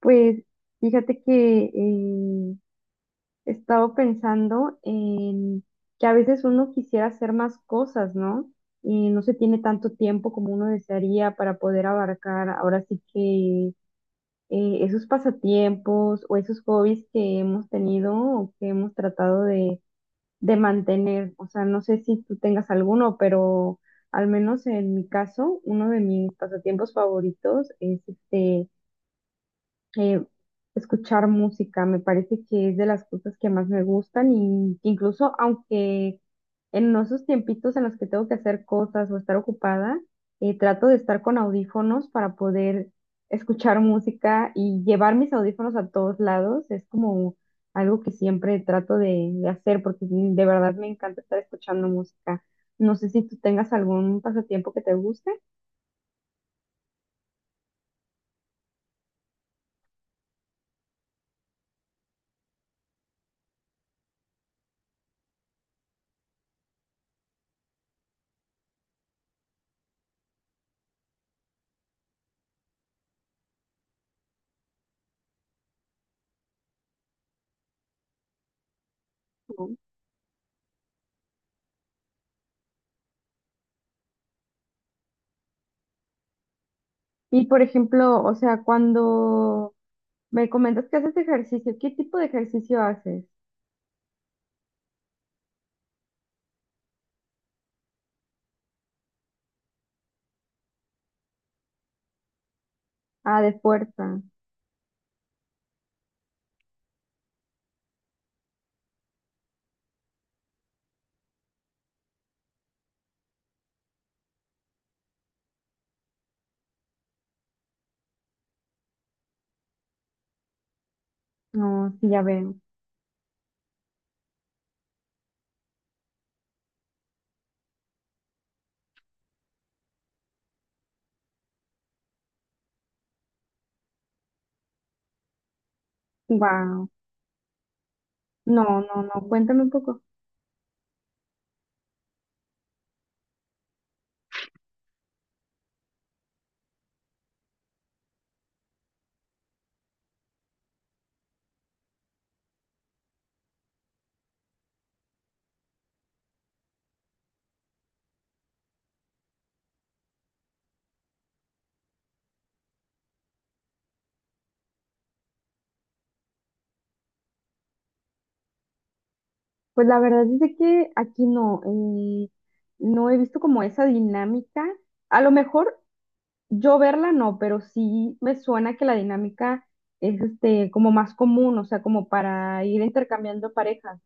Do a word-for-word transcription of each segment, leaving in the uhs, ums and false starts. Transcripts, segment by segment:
Pues fíjate que eh, he estado pensando en que a veces uno quisiera hacer más cosas, ¿no? Y no se tiene tanto tiempo como uno desearía para poder abarcar ahora sí que eh, esos pasatiempos o esos hobbies que hemos tenido o que hemos tratado de, de mantener. O sea, no sé si tú tengas alguno, pero al menos en mi caso, uno de mis pasatiempos favoritos es este eh, escuchar música. Me parece que es de las cosas que más me gustan y que incluso aunque en esos tiempitos en los que tengo que hacer cosas o estar ocupada, eh, trato de estar con audífonos para poder escuchar música y llevar mis audífonos a todos lados. Es como algo que siempre trato de, de hacer porque de verdad me encanta estar escuchando música. No sé si tú tengas algún pasatiempo que te guste. ¿No? Y por ejemplo, o sea, cuando me comentas que haces ejercicio. ¿Qué tipo de ejercicio haces? Ah, de fuerza. No, sí, ya veo. Wow. No, no, no. Cuéntame un poco. Pues la verdad es de que aquí no, eh, no he visto como esa dinámica. A lo mejor yo verla no, pero sí me suena que la dinámica es este como más común, o sea, como para ir intercambiando parejas.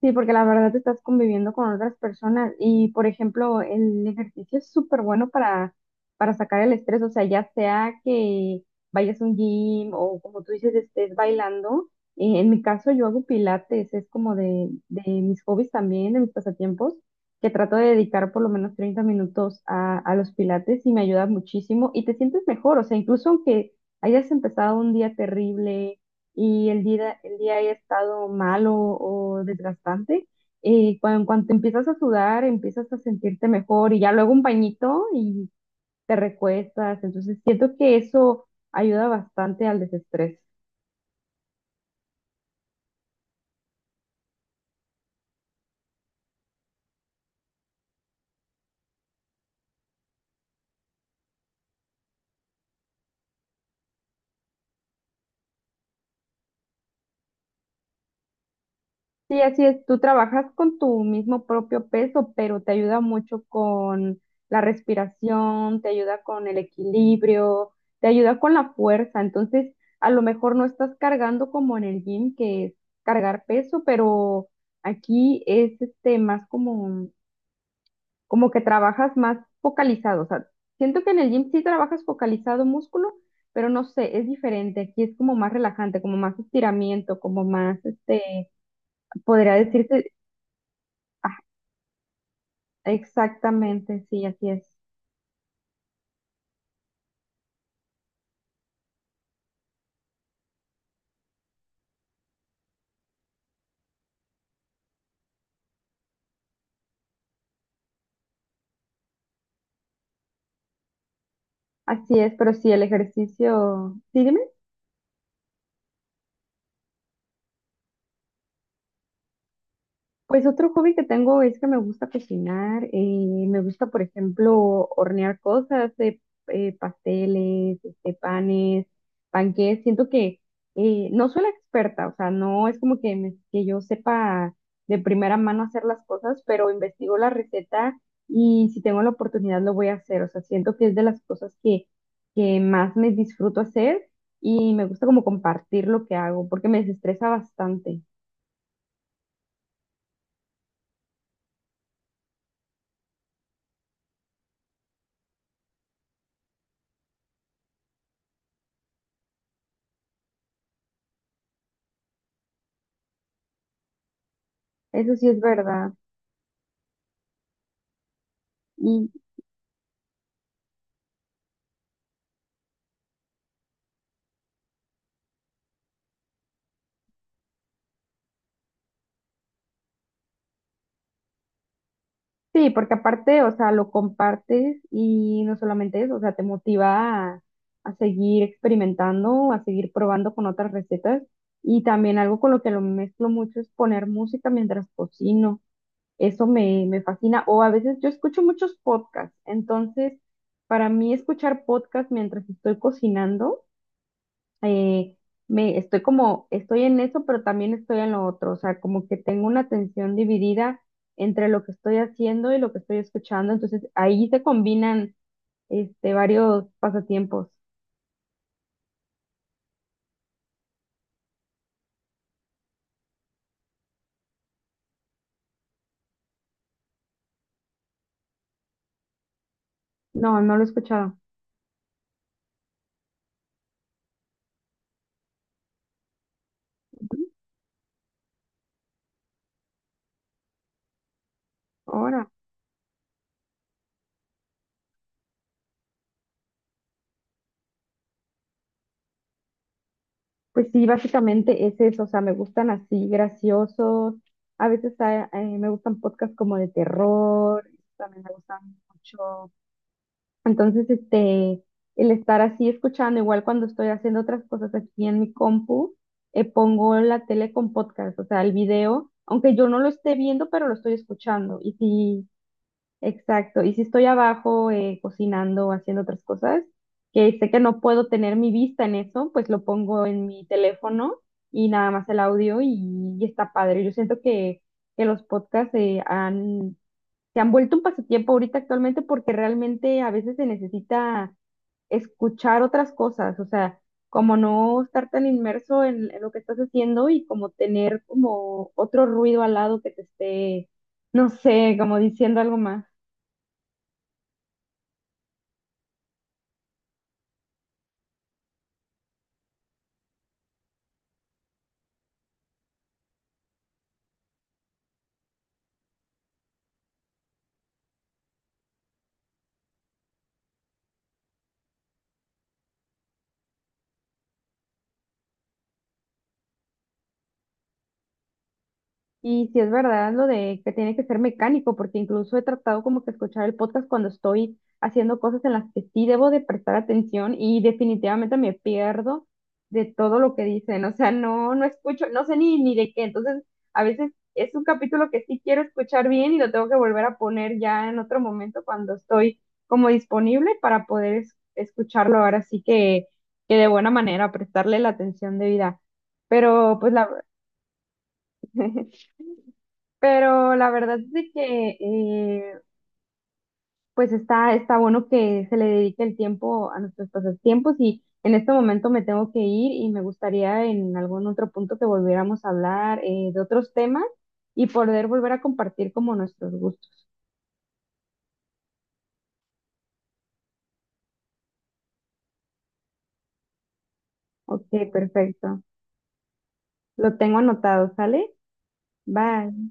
Sí, porque la verdad te estás conviviendo con otras personas y, por ejemplo, el ejercicio es súper bueno para, para sacar el estrés, o sea, ya sea que vayas a un gym o como tú dices, estés bailando. Eh, en mi caso, yo hago pilates, es como de, de mis hobbies también, de mis pasatiempos, que trato de dedicar por lo menos treinta minutos a, a los pilates y me ayuda muchísimo y te sientes mejor, o sea, incluso aunque hayas empezado un día terrible y el día, el día haya estado malo o desgastante, eh, cuando en empiezas a sudar, empiezas a sentirte mejor y ya luego un bañito y te recuestas. Entonces siento que eso ayuda bastante al desestrés. Sí, así es. Tú trabajas con tu mismo propio peso, pero te ayuda mucho con la respiración, te ayuda con el equilibrio, te ayuda con la fuerza. Entonces, a lo mejor no estás cargando como en el gym, que es cargar peso, pero aquí es este más como, como que trabajas más focalizado. O sea, siento que en el gym sí trabajas focalizado músculo, pero no sé, es diferente. Aquí es como más relajante, como más estiramiento, como más este, podría decirse. Exactamente, sí, así es. Así es, pero sí, el ejercicio, sí, dime. Pues otro hobby que tengo es que me gusta cocinar, eh, me gusta, por ejemplo, hornear cosas, eh, eh, pasteles, este, panes, panqués. Siento que eh, no soy la experta, o sea, no es como que, me- que yo sepa de primera mano hacer las cosas, pero investigo la receta y si tengo la oportunidad lo voy a hacer. O sea, siento que es de las cosas que, que más me disfruto hacer y me gusta como compartir lo que hago porque me desestresa bastante. Eso sí es verdad. Sí, porque aparte, o sea, lo compartes y no solamente eso, o sea, te motiva a, a seguir experimentando, a seguir probando con otras recetas y también algo con lo que lo mezclo mucho es poner música mientras cocino. Eso me, me fascina. O a veces yo escucho muchos podcasts, entonces para mí escuchar podcasts mientras estoy cocinando eh, me estoy como, estoy en eso, pero también estoy en lo otro, o sea, como que tengo una atención dividida entre lo que estoy haciendo y lo que estoy escuchando, entonces ahí se combinan este varios pasatiempos. No, no lo he escuchado. Ahora, pues sí, básicamente es eso, o sea, me gustan así, graciosos, a veces ah, eh, me gustan podcasts como de terror, también me gustan mucho. Entonces, este, el estar así escuchando, igual cuando estoy haciendo otras cosas aquí en mi compu, eh, pongo la tele con podcast, o sea, el video, aunque yo no lo esté viendo, pero lo estoy escuchando. Y sí, exacto. Y si estoy abajo eh, cocinando, o haciendo otras cosas, que sé que no puedo tener mi vista en eso, pues lo pongo en mi teléfono y nada más el audio y, y está padre. Yo siento que, que los podcasts eh, han se han vuelto un pasatiempo ahorita actualmente porque realmente a veces se necesita escuchar otras cosas, o sea, como no estar tan inmerso en, en lo que estás haciendo y como tener como otro ruido al lado que te esté, no sé, como diciendo algo más. Y si es verdad lo de que tiene que ser mecánico, porque incluso he tratado como que escuchar el podcast cuando estoy haciendo cosas en las que sí debo de prestar atención y definitivamente me pierdo de todo lo que dicen. O sea, no, no escucho, no sé ni, ni de qué. Entonces, a veces es un capítulo que sí quiero escuchar bien y lo tengo que volver a poner ya en otro momento cuando estoy como disponible para poder es- escucharlo ahora sí que, que de buena manera, prestarle la atención debida. Pero pues la... Pero la verdad es de que eh, pues está, está bueno que se le dedique el tiempo a nuestros pasatiempos y en este momento me tengo que ir y me gustaría en algún otro punto que volviéramos a hablar eh, de otros temas y poder volver a compartir como nuestros gustos. Ok, perfecto. Lo tengo anotado, ¿sale? Bye.